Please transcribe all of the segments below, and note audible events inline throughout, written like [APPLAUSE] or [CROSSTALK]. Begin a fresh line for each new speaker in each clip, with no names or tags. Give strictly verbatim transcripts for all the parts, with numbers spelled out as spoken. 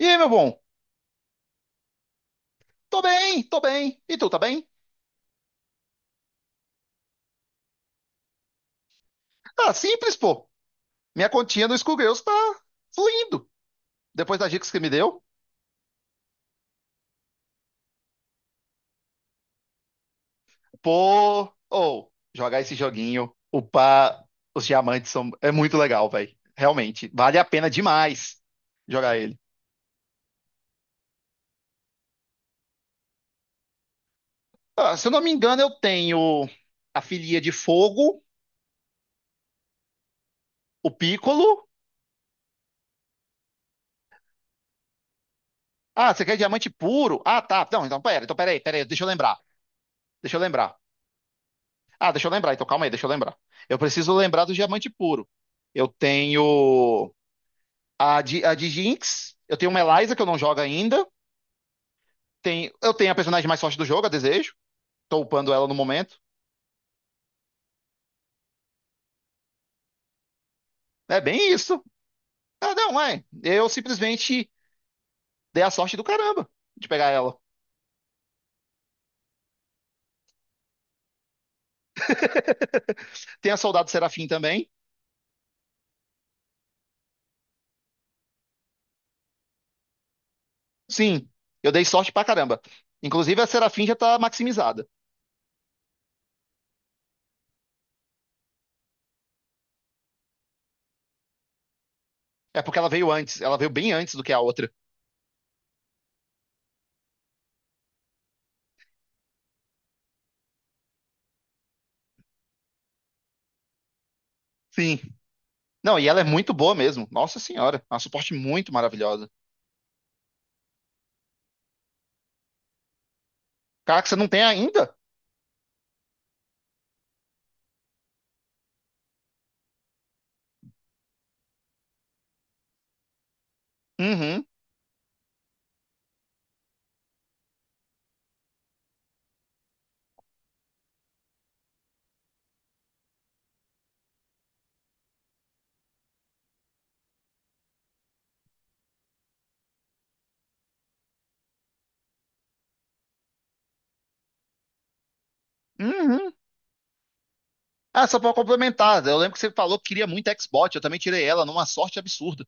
E aí, meu bom? Tô bem, tô bem. E tu, tá bem? Ah, simples, pô. Minha continha no Skullgirls tá fluindo. Depois das dicas que me deu. Pô, ou jogar esse joguinho, upar os diamantes são, é muito legal, velho. Realmente, vale a pena demais jogar ele. Ah, se eu não me engano, eu tenho a filia de fogo, o Piccolo. Ah, você quer diamante puro? Ah, tá. Não, então pera, então pera aí, pera aí, deixa eu lembrar. Deixa eu lembrar. Ah, deixa eu lembrar, então calma aí, deixa eu lembrar. Eu preciso lembrar do diamante puro. Eu tenho a de, a de Jinx, eu tenho uma Eliza que eu não jogo ainda. Tem, eu tenho a personagem mais forte do jogo, a Desejo. Tô upando ela no momento. É bem isso. Ah, não, é. Eu simplesmente dei a sorte do caramba de pegar ela. [LAUGHS] Tem a Soldado Serafim também. Sim, eu dei sorte pra caramba. Inclusive a Serafim já tá maximizada. É porque ela veio antes, ela veio bem antes do que a outra. Sim. Não, e ela é muito boa mesmo. Nossa senhora, é uma suporte muito maravilhosa. Cara, que você não tem ainda? Uhum, uhum. Ah, só pra complementar, eu lembro que você falou que queria muito Xbox, eu também tirei ela numa sorte absurda.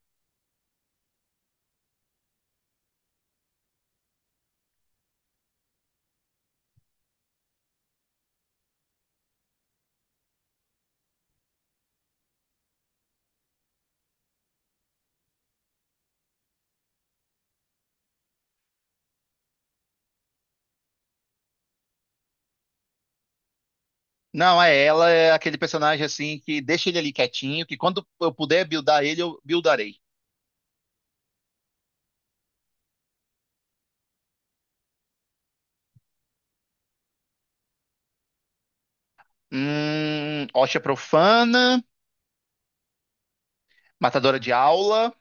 Não, é ela, é aquele personagem assim que deixa ele ali quietinho, que quando eu puder buildar ele, eu buildarei. Hum, Osha Profana, Matadora de Aula,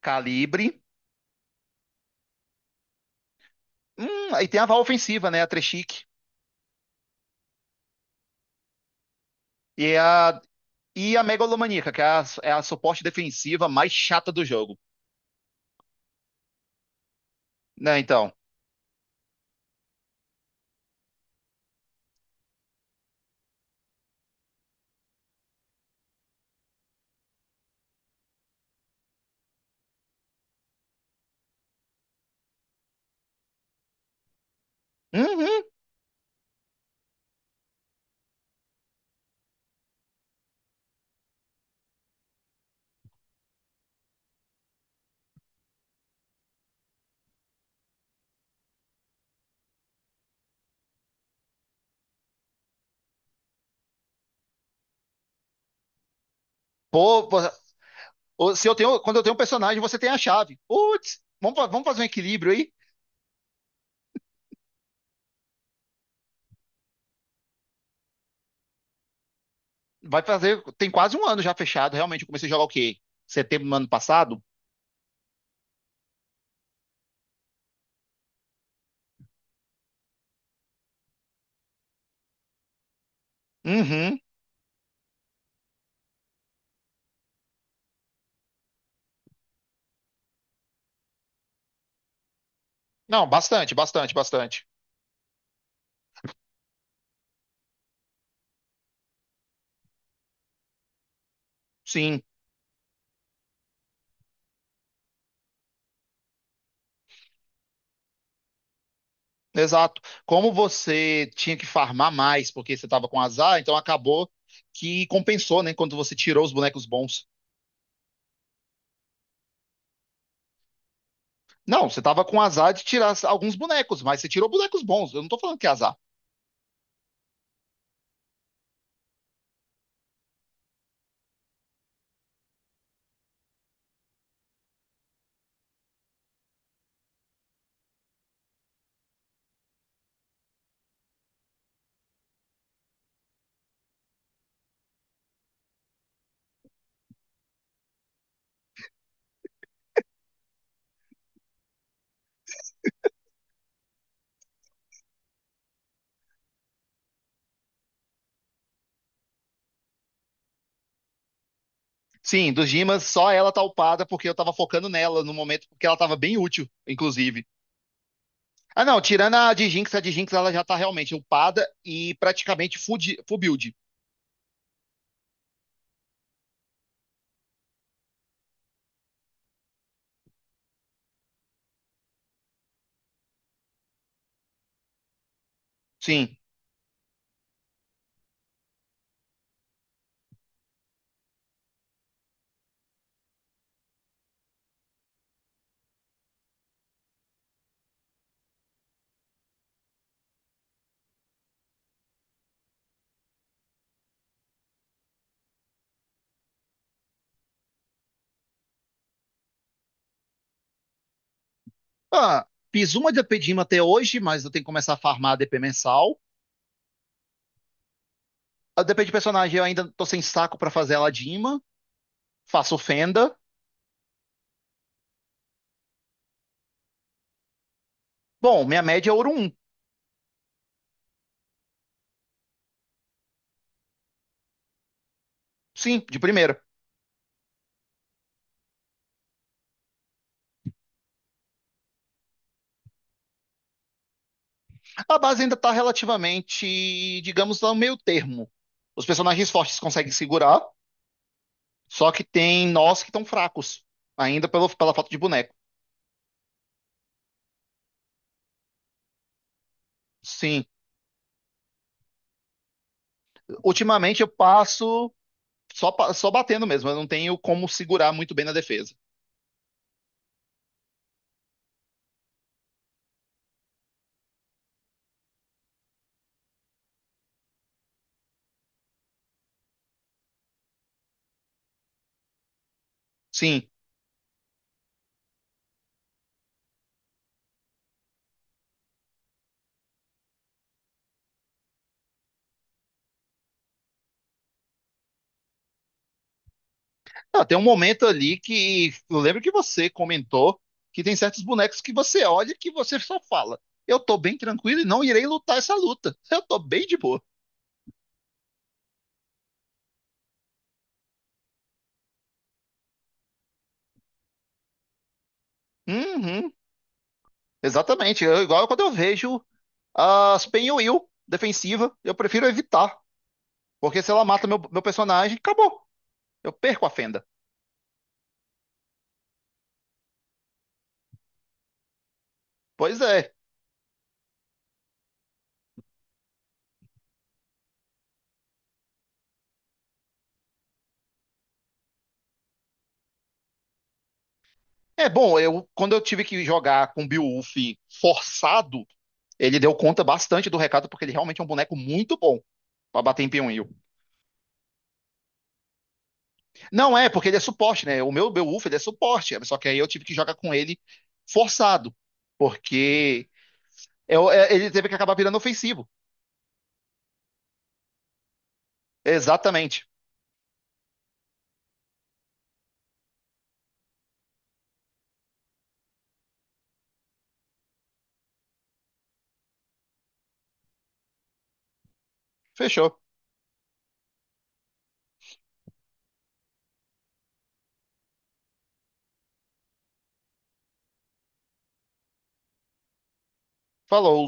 Calibre. Hum, aí tem a Val Ofensiva, né? A Treshik. E é a, e a Megalomaníaca, que é a, é a suporte defensiva mais chata do jogo. Né, então. Uhum. Pô, pô, ô, se eu tenho, quando eu tenho um personagem, você tem a chave. Putz, vamos, fa- vamos fazer um equilíbrio aí. Vai fazer, tem quase um ano já fechado, realmente. Eu comecei a jogar o quê? Setembro do ano passado? Uhum. Não, bastante, bastante, bastante. Sim, exato. Como você tinha que farmar mais porque você tava com azar, então acabou que compensou, né? Quando você tirou os bonecos bons. Não, você tava com azar de tirar alguns bonecos, mas você tirou bonecos bons. Eu não tô falando que é azar. Sim, dos Dimas, só ela tá upada porque eu tava focando nela no momento, porque ela tava bem útil, inclusive. Ah, não, tirando a de Jinx, a de Jinx ela já tá realmente upada e praticamente full, di- full build. Sim. Ah, fiz uma D P de D P até hoje, mas eu tenho que começar a farmar a D P mensal. A D P de personagem eu ainda tô sem saco pra fazer ela de ima. Faço Fenda. Bom, minha média é ouro um. Sim, de primeira. A base ainda tá relativamente, digamos, no meio termo. Os personagens fortes conseguem segurar. Só que tem nós que estão fracos, ainda pelo, pela falta de boneco. Sim, ultimamente eu passo só, pa- só batendo mesmo, eu não tenho como segurar muito bem na defesa. Sim. Ah, tem um momento ali que eu lembro que você comentou que tem certos bonecos que você olha que você só fala: eu tô bem tranquilo e não irei lutar essa luta, eu tô bem de boa. Uhum, exatamente. Eu- igual quando eu vejo as Penhuil defensiva, eu prefiro evitar, porque se ela mata meu, meu personagem, acabou, eu perco a fenda. Pois é. É bom, eu quando eu tive que jogar com o Beowulf forçado, ele deu conta bastante do recado, porque ele realmente é um boneco muito bom pra bater em Pinwheel. Não é, porque ele é suporte, né? O meu Beowulf, ele é suporte, só que aí eu tive que jogar com ele forçado, porque eu- é- ele teve que acabar virando ofensivo. Exatamente. Fechou. Falou.